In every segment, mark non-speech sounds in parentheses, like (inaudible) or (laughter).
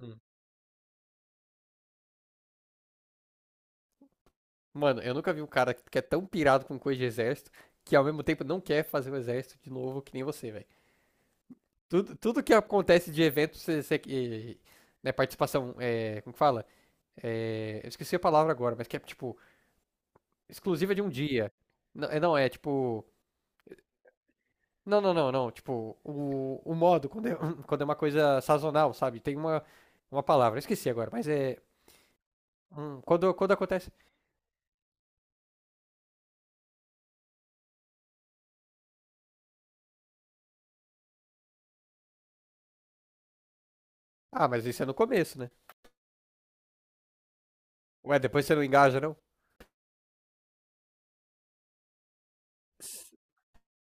Hum. Mano, eu nunca vi um cara que é tão pirado com coisa de exército que ao mesmo tempo não quer fazer o exército de novo que nem você, velho. Tudo que acontece de evento, né, participação, é, como que fala? É, eu esqueci a palavra agora, mas que é tipo, exclusiva de um dia. Não, é, não, é tipo. Não. Tipo, o modo, (laughs) (clears throat) quando é uma coisa sazonal, sabe? Tem uma palavra, eu esqueci agora, mas é. Quando acontece. Ah, mas isso é no começo, né? Ué, depois você não engaja, não?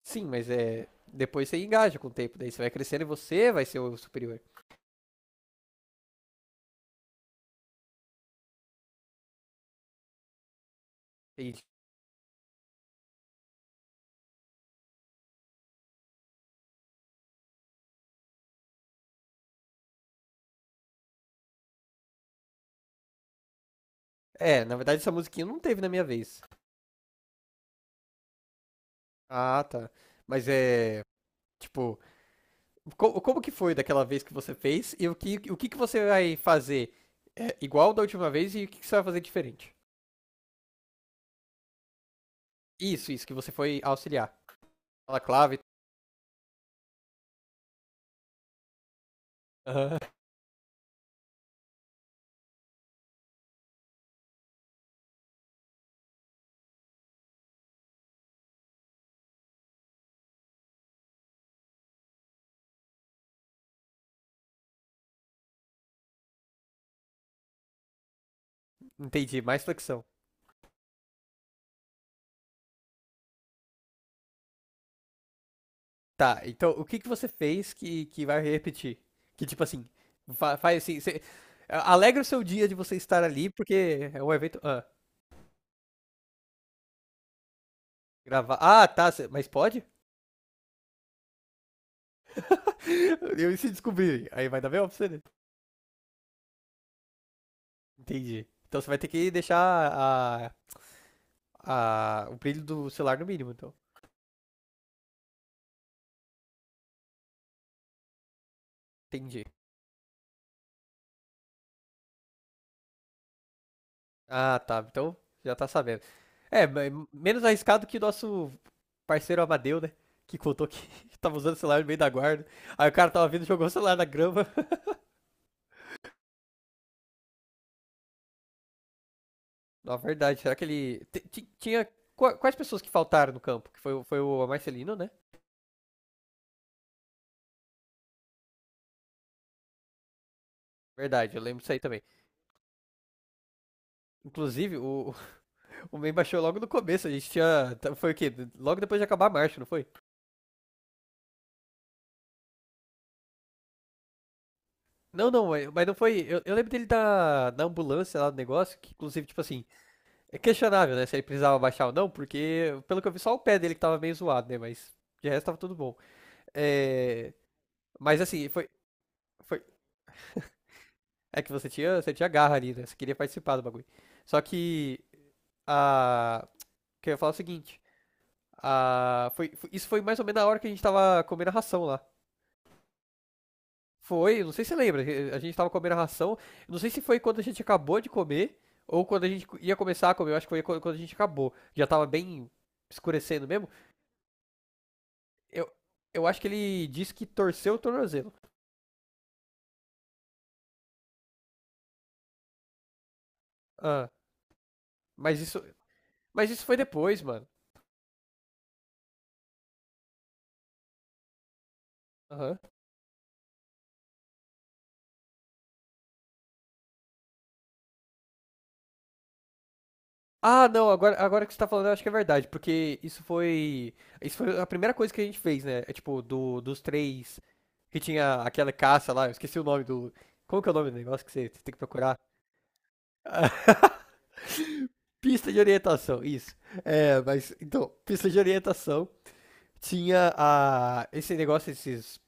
Sim, mas é. Depois você engaja com o tempo, daí você vai crescendo e você vai ser o superior. Entendi. É, na verdade essa musiquinha não teve na minha vez. Ah, tá. Mas é. Tipo, como que foi daquela vez que você fez e que você vai fazer é, igual da última vez e que você vai fazer diferente? Isso, que você foi auxiliar. Fala clave. Aham. Entendi, mais flexão. Tá, então o que que você fez que vai repetir? Que tipo assim, faz assim, você, alegra o seu dia de você estar ali, porque é um evento. Ah, gravar. Ah, tá, mas pode? (laughs) Eu e se descobrirem, aí vai dar bem pra você, né? Entendi. Então você vai ter que deixar a, o brilho do celular no mínimo, então. Entendi. Ah, tá, então já tá sabendo. É, mas menos arriscado que o nosso parceiro Amadeu, né? Que contou que (laughs) tava usando o celular no meio da guarda. Aí o cara tava vindo, jogou o celular na grama. (laughs) Na verdade, será que ele. Tinha. Quais pessoas que faltaram no campo? Que foi, foi o Marcelino, né? Verdade, eu lembro disso aí também. Inclusive, (laughs) o Mem baixou logo no começo, a gente tinha. Foi o quê? Logo depois de acabar a marcha, não foi? Não, não, mas não foi. Eu lembro dele da ambulância lá do negócio, que inclusive, tipo assim, é questionável, né? Se ele precisava baixar ou não, porque, pelo que eu vi, só o pé dele que tava meio zoado, né? Mas de resto tava tudo bom. É, mas assim, foi. É que você tinha garra ali, né? Você queria participar do bagulho. Só que a. Que eu ia falar o seguinte. A, isso foi mais ou menos na hora que a gente tava comendo a ração lá. Foi, não sei se você lembra, a gente tava comendo a ração. Não sei se foi quando a gente acabou de comer ou quando a gente ia começar a comer. Eu acho que foi quando a gente acabou. Já tava bem escurecendo mesmo. Eu, eu acho que ele disse que torceu o tornozelo. Ah, mas isso, mas isso foi depois, mano. Aham. Ah, não, agora que você tá falando, eu acho que é verdade, porque isso foi. Isso foi a primeira coisa que a gente fez, né? É tipo, dos três que tinha aquela caça lá, eu esqueci o nome do. Como que é o nome do negócio que você tem que procurar? Pista de orientação, isso. É, mas então, pista de orientação tinha a, esse negócio, esses.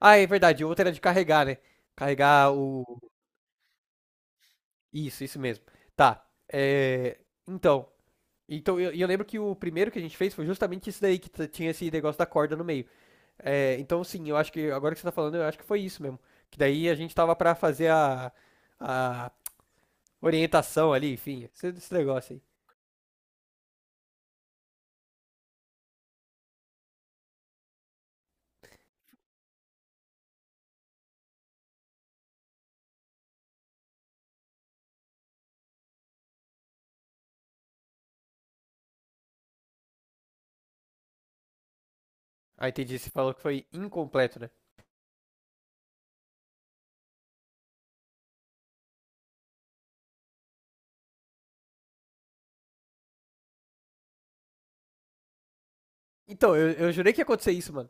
Ah, é verdade, o outro era de carregar, né? Carregar o. Isso mesmo. Tá. É, então. Então, eu lembro que o primeiro que a gente fez foi justamente isso daí, que tinha esse negócio da corda no meio. É, então, sim, eu acho que agora que você tá falando, eu acho que foi isso mesmo. Que daí a gente tava pra fazer a orientação ali, enfim, esse negócio aí. Ah, entendi, você falou que foi incompleto, né? Então, eu jurei que ia acontecer isso, mano.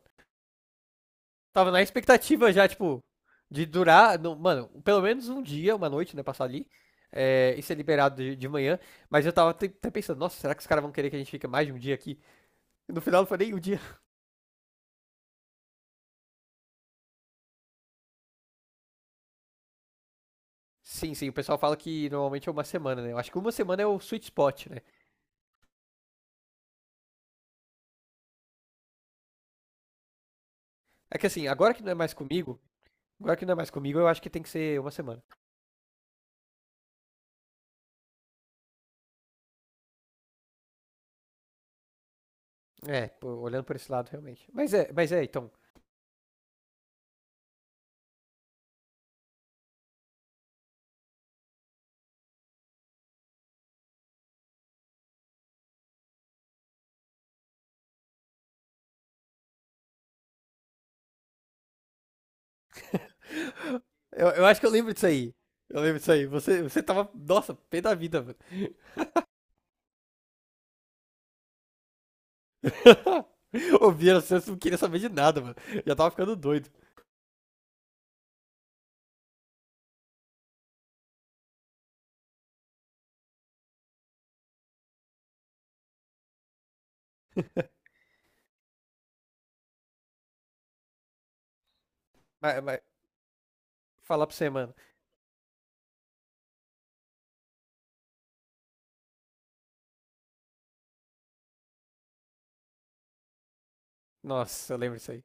Tava na expectativa já, tipo, de durar, não- mano, pelo menos um dia, uma noite, né, passar ali. É, e ser liberado de manhã. Mas eu tava até pensando, nossa, será que os caras vão querer que a gente fique mais de um dia aqui? E no final não foi nem um dia. (laughs) Sim, sim, o pessoal fala que normalmente é uma semana, né? Eu acho que uma semana é o sweet spot, né? É que assim, agora que não é mais comigo, agora que não é mais comigo, eu acho que tem que ser uma semana. É, pô, olhando por esse lado, realmente. Mas é, então. (gasps) Eu acho que eu lembro disso aí. Eu lembro disso aí. Você tava, nossa, pé da vida, mano. (laughs) Ouvia, você não queria saber de nada, mano. Já tava ficando doido. (laughs) Mas falar pra você, mano. Nossa, eu lembro disso aí.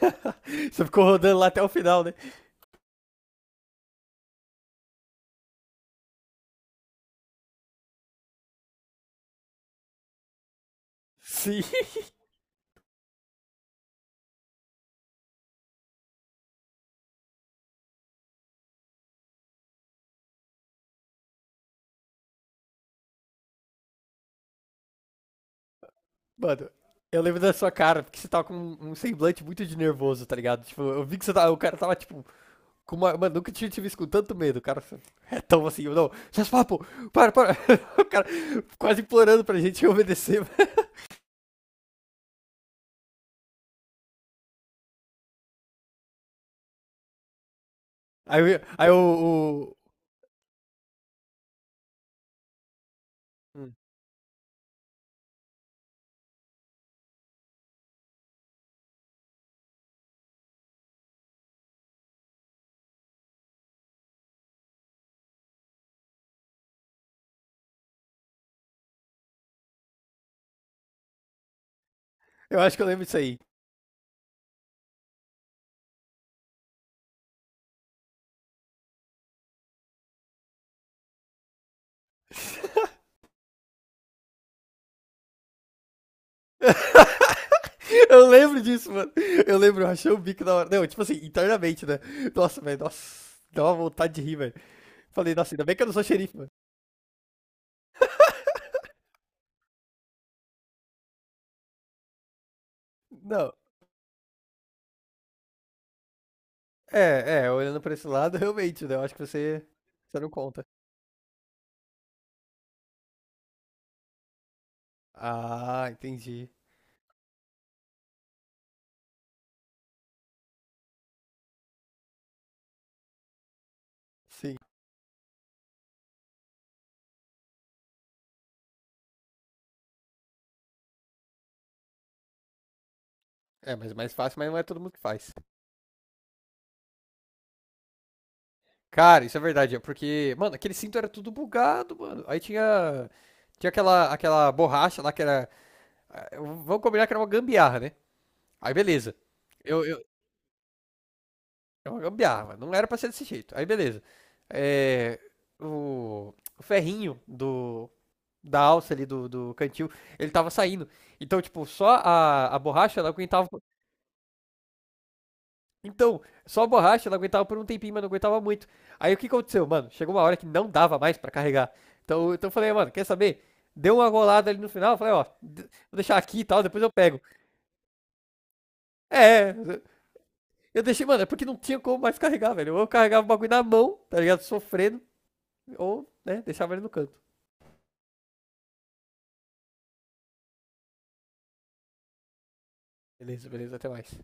(laughs) Você ficou rodando lá até o final, né? Sim. (laughs) Mano, eu lembro da sua cara, porque você tava com um semblante muito de nervoso, tá ligado? Tipo, eu vi que você tava, o cara tava, tipo, com uma, mano, nunca tinha tive isso com tanto medo, cara. É tão assim, não, faz papo, para. (laughs) O cara quase implorando pra gente obedecer. Aí, eu- aí o- Hum. Eu acho que eu lembro disso aí. (laughs) Eu lembro disso, mano. Eu lembro, eu achei o bico da hora. Não, tipo assim, internamente, né? Nossa, velho, nossa. Dá uma vontade de rir, velho. Falei, nossa, ainda bem que eu não sou xerife, mano. Não, é, é, olhando pra esse lado, (laughs) realmente, né? Eu acho que você, você não conta. Ah, entendi. Sim. É, mas mais fácil, mas não é todo mundo que faz. Cara, isso é verdade, é porque, mano, aquele cinto era tudo bugado, mano. Aí tinha, tinha aquela borracha lá que era. Ah, vamos combinar que era uma gambiarra, né? Aí beleza. Eu, eu, é uma gambiarra, não era pra ser desse jeito. Aí beleza. É, o ferrinho da alça ali do cantil, ele tava saindo. Então, tipo, só a borracha ela aguentava. Então, só a borracha, ela aguentava por um tempinho, mas não aguentava muito. Aí o que aconteceu, mano? Chegou uma hora que não dava mais pra carregar. Então eu falei, "Ah, mano, quer saber? Deu uma golada ali no final, eu falei, ó, vou deixar aqui e tal, depois eu pego." É, eu deixei, mano, é porque não tinha como mais carregar, velho. Ou eu carregava o bagulho na mão, tá ligado? Sofrendo, ou, né, deixava ele no canto. Beleza, beleza, até mais.